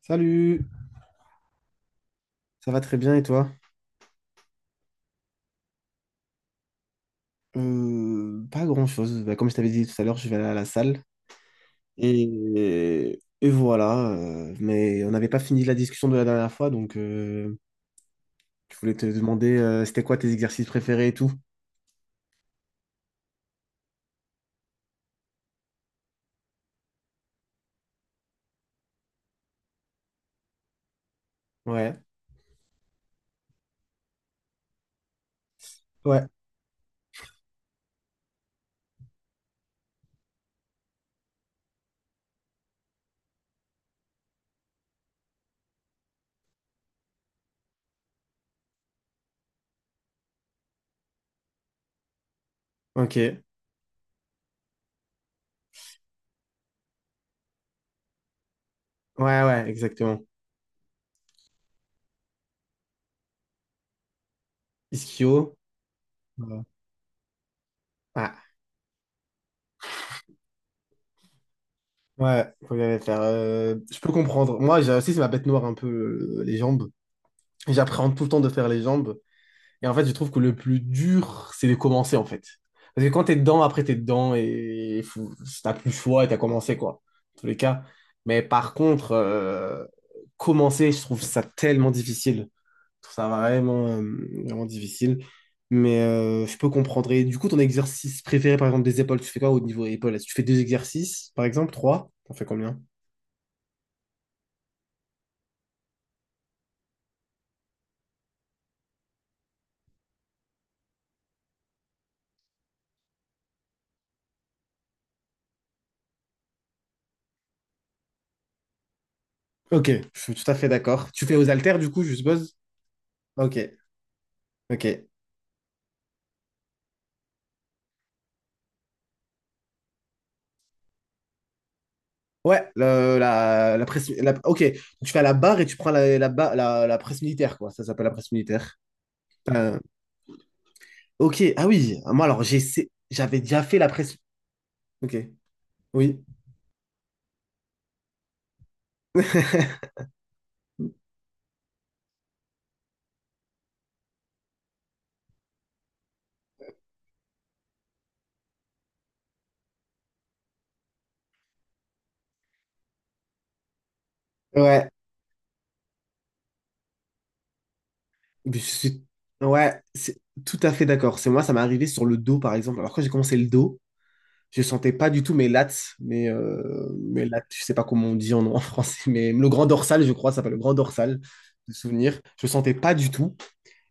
Salut, ça va très bien et toi? Pas grand-chose. Bah, comme je t'avais dit tout à l'heure, je vais aller à la salle. Et voilà. Mais on n'avait pas fini la discussion de la dernière fois, donc je voulais te demander c'était quoi tes exercices préférés et tout. Ouais, ouais, ok. Ouais, ouais, exactement. Ischio. euh, Ah, ouais, faut bien les faire. Je peux comprendre. Moi, j'ai aussi, c'est ma bête noire un peu, les jambes. J'appréhende tout le temps de faire les jambes. Et en fait, je trouve que le plus dur, c'est de commencer, en fait. Parce que quand t'es dedans, après, t'es dedans et t'as plus le choix et t'as commencé, quoi. En tous les cas. Mais par contre, commencer, je trouve ça tellement difficile. Je trouve ça vraiment, vraiment difficile. Mais je peux comprendre. Et du coup, ton exercice préféré, par exemple, des épaules, tu fais quoi au niveau épaules? Est-ce que tu fais deux exercices, par exemple, trois? T'en fais combien? Ok, je suis tout à fait d'accord. Tu fais aux haltères, du coup, je suppose? Ok, ok. Ouais, la presse. La- ok, donc tu fais à la barre et tu prends la presse militaire, quoi. Ça s'appelle la presse militaire. Euh, ok, ah oui, moi alors j'avais déjà fait la presse. Ok, oui. Ouais, mais ouais, c'est tout à fait d'accord. C'est moi, ça m'est arrivé sur le dos, par exemple. Alors quand j'ai commencé le dos, je sentais pas du tout mes lats, mais, mes lats, je sais pas comment on dit en français, mais le grand dorsal, je crois, ça s'appelle le grand dorsal, de souvenir. Je sentais pas du tout.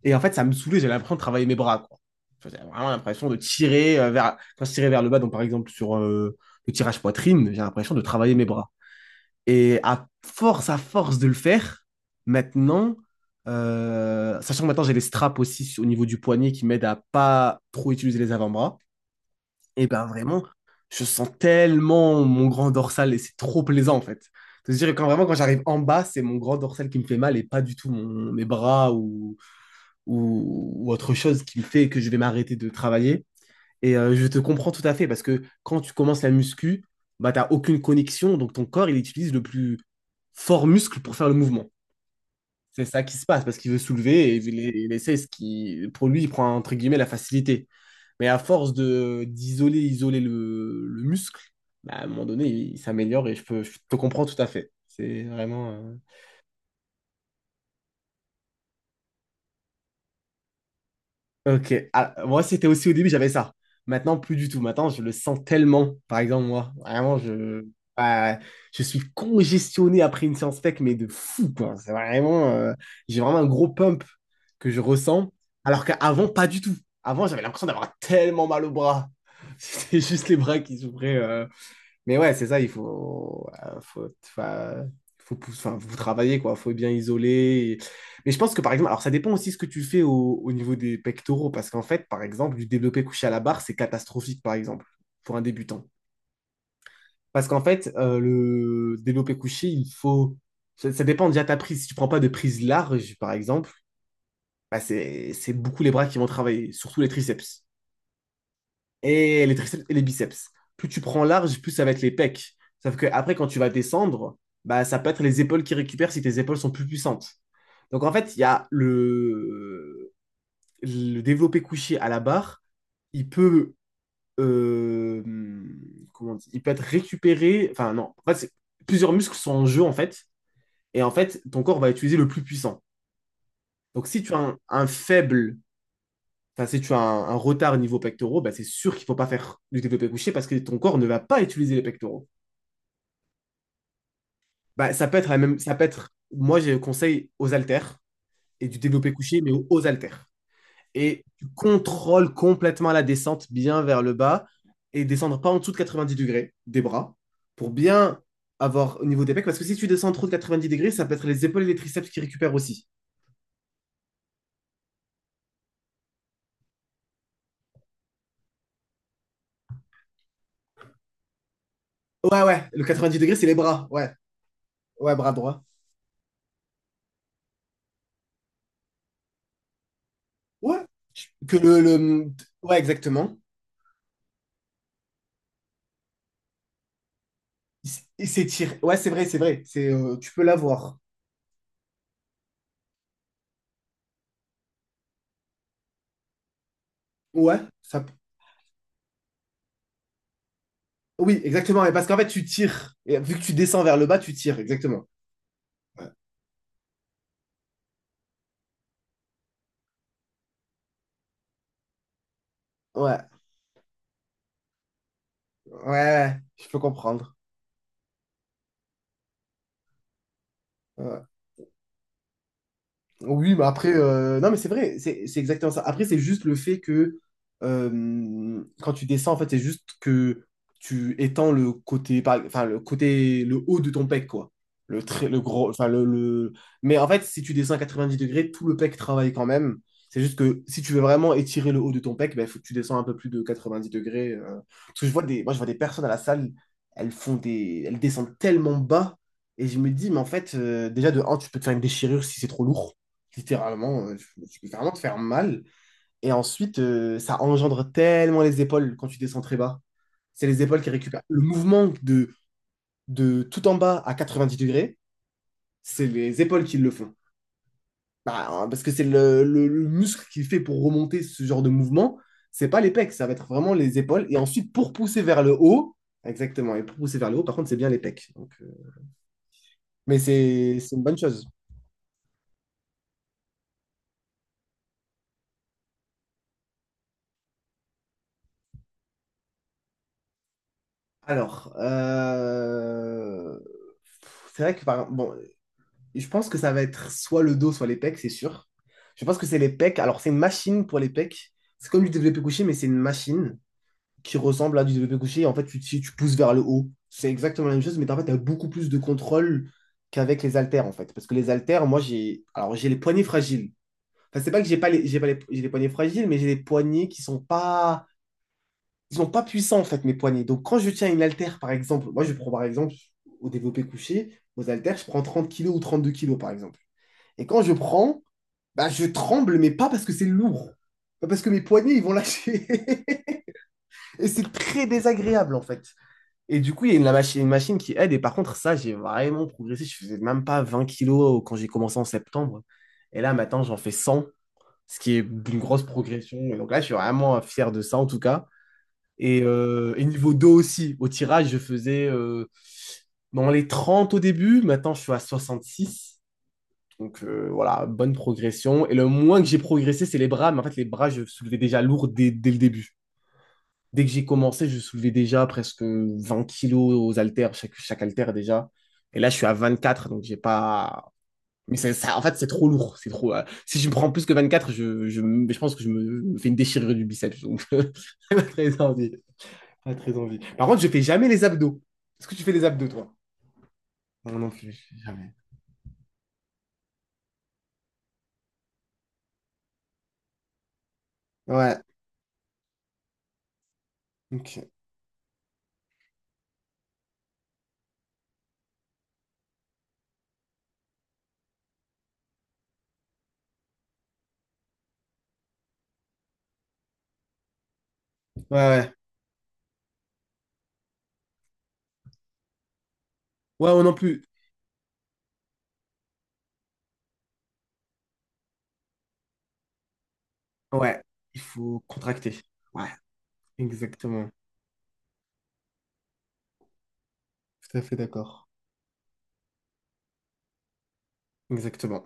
Et en fait, ça me saoulait, j'avais l'impression de travailler mes bras, quoi. Enfin, j'avais vraiment l'impression de tirer vers, quand je tirais vers le bas, donc par exemple sur le tirage poitrine, j'ai l'impression de travailler mes bras. Et à force de le faire, maintenant, sachant que maintenant j'ai les straps aussi au niveau du poignet qui m'aident à pas trop utiliser les avant-bras, et ben vraiment, je sens tellement mon grand dorsal et c'est trop plaisant en fait. C'est-à-dire quand vraiment quand j'arrive en bas, c'est mon grand dorsal qui me fait mal et pas du tout mes bras ou, ou autre chose qui me fait que je vais m'arrêter de travailler. Et je te comprends tout à fait parce que quand tu commences la muscu, bah t'as aucune connexion, donc ton corps il utilise le plus fort muscle pour faire le mouvement. C'est ça qui se passe parce qu'il veut soulever et il essaie ce qui, pour lui, il prend entre guillemets la facilité. Mais à force de d'isoler, isoler le muscle, bah, à un moment donné, il s'améliore et je te comprends tout à fait. C'est vraiment. Ok. Ah, moi, c'était aussi au début, j'avais ça. Maintenant, plus du tout. Maintenant, je le sens tellement. Par exemple, moi, vraiment, ah, je suis congestionné après une séance tech, mais de fou, quoi. C'est vraiment, j'ai vraiment un gros pump que je ressens, alors qu'avant, pas du tout. Avant, j'avais l'impression d'avoir tellement mal au bras. C'était juste les bras qui s'ouvraient. Mais ouais, c'est ça, il faut, enfin, enfin, faut travailler, quoi. Faut bien isoler. Mais je pense que, par exemple, alors ça dépend aussi ce que tu fais au niveau des pectoraux, parce qu'en fait, par exemple, du développé couché à la barre, c'est catastrophique, par exemple, pour un débutant. Parce qu'en fait, le développé couché, il faut... Ça dépend déjà de ta prise. Si tu prends pas de prise large, par exemple, bah, c'est beaucoup les bras qui vont travailler, surtout les triceps. Et les triceps et les biceps. Plus tu prends large, plus ça va être les pecs. Sauf que après, quand tu vas descendre, bah, ça peut être les épaules qui récupèrent si tes épaules sont plus puissantes. Donc en fait, il y a le développé couché à la barre, il peut, euh, comment on dit, il peut être récupéré. Enfin non, en fait, plusieurs muscles sont en jeu en fait, et en fait, ton corps va utiliser le plus puissant. Donc si tu as un faible. Enfin, si tu as un retard niveau pectoraux, bah, c'est sûr qu'il ne faut pas faire du développé couché parce que ton corps ne va pas utiliser les pectoraux. Bah, ça peut être la même, moi, j'ai conseil aux haltères et du développé couché, mais aux haltères. Et tu contrôles complètement la descente bien vers le bas et descendre pas en dessous de 90 degrés des bras pour bien avoir au niveau des pecs. Parce que si tu descends trop de 90 degrés, ça peut être les épaules et les triceps qui récupèrent aussi. Ouais, ouais, le 90 degrés, c'est les bras. Ouais, ouais, bras droit. Ouais, que le... ouais, exactement. C'est tiré. Ouais, c'est vrai, c'est vrai. Tu peux l'avoir. Ouais, ça... Oui, exactement. Et parce qu'en fait, tu tires. Et vu que tu descends vers le bas, tu tires, exactement. Ouais, ouais, ouais, ouais, je peux comprendre. Ouais. Oui, mais après, non, mais c'est vrai, c'est exactement ça. Après, c'est juste le fait que quand tu descends, en fait, c'est juste que tu étends le côté, enfin, le côté, le haut de ton pec, quoi. Le très, le gros, enfin, le- Mais en fait, si tu descends à 90 degrés, tout le pec travaille quand même. C'est juste que si tu veux vraiment étirer le haut de ton pec, ben, il faut que tu descends un peu plus de 90 degrés. Parce que moi, je vois des personnes à la salle, elles descendent tellement bas. Et je me dis, mais en fait, déjà de un tu peux te faire une déchirure si c'est trop lourd littéralement, tu peux vraiment te faire mal. Et ensuite, ça engendre tellement les épaules quand tu descends très bas. C'est les épaules qui récupèrent. Le mouvement de tout en bas à 90 degrés, c'est les épaules qui le font. Bah, hein, parce que c'est le muscle qui fait pour remonter ce genre de mouvement. C'est pas les pecs, ça va être vraiment les épaules. Et ensuite, pour pousser vers le haut, exactement, et pour pousser vers le haut, par contre, c'est bien les pecs. Donc, mais c'est une bonne chose. Alors, c'est vrai que bon, je pense que ça va être soit le dos, soit les pecs, c'est sûr. Je pense que c'est les pecs. Alors, c'est une machine pour les pecs. C'est comme du développé couché, mais c'est une machine qui ressemble à du développé couché. Et en fait, tu pousses vers le haut. C'est exactement la même chose, mais en fait, tu as beaucoup plus de contrôle qu'avec les haltères, en fait. Parce que les haltères, moi, j'ai alors j'ai les poignets fragiles. Enfin, c'est pas que j'ai pas les, j'ai pas les, j'ai les poignets fragiles, mais j'ai les poignets qui sont pas, ils n'ont pas puissant en fait mes poignets. Donc quand je tiens une haltère par exemple, moi je prends par exemple au développé couché, aux haltères, je prends 30 kilos ou 32 kilos par exemple. Et quand je prends, bah, je tremble, mais pas parce que c'est lourd. Pas parce que mes poignets, ils vont lâcher. Et c'est très désagréable en fait. Et du coup, il y a une machine qui aide. Et par contre, ça, j'ai vraiment progressé. Je faisais même pas 20 kilos quand j'ai commencé en septembre. Et là, maintenant, j'en fais 100, ce qui est une grosse progression. Et donc là, je suis vraiment fier de ça en tout cas. Et niveau dos aussi, au tirage, je faisais dans les 30 au début, maintenant je suis à 66. Donc voilà, bonne progression. Et le moins que j'ai progressé, c'est les bras. Mais en fait, les bras, je soulevais déjà lourd dès le début. Dès que j'ai commencé, je soulevais déjà presque 20 kilos aux haltères, chaque haltère déjà. Et là, je suis à 24. Donc j'ai pas. Mais ça, en fait, c'est trop lourd. C'est trop. Si je me prends plus que 24, je pense que je me fais une déchirure du biceps. Donc, j'ai pas très envie. Pas très envie. Par contre, je fais jamais les abdos. Est-ce que tu fais les abdos, toi? Non, non plus, jamais. Ouais, ok. Ouais, ouais. Ouais, moi non plus. Ouais, il faut contracter. Ouais, exactement. Tout à fait d'accord. Exactement.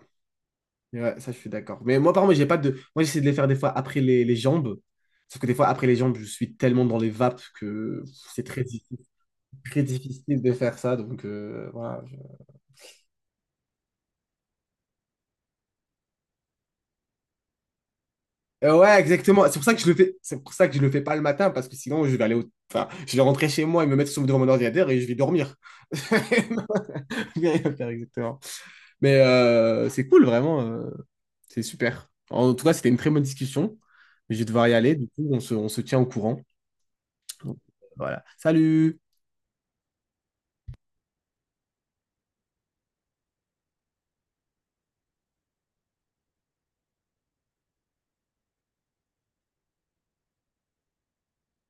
Et ouais, ça, je suis d'accord. Mais moi, par contre, j'ai pas de. Moi, j'essaie de les faire des fois après les jambes. Sauf que des fois, après les jambes, je suis tellement dans les vapes que c'est très, très difficile de faire ça. Donc, voilà. Ouais, exactement. C'est pour ça que je le fais. C'est pour ça que je le fais pas le matin parce que sinon je vais aller au... Enfin, je vais rentrer chez moi et me mettre sous devant mon ordinateur et je vais dormir. Je vais rien faire exactement. Mais c'est cool vraiment. C'est super. En tout cas, c'était une très bonne discussion. Je vais devoir y aller. Du coup, on se tient au courant. Donc, voilà. Salut.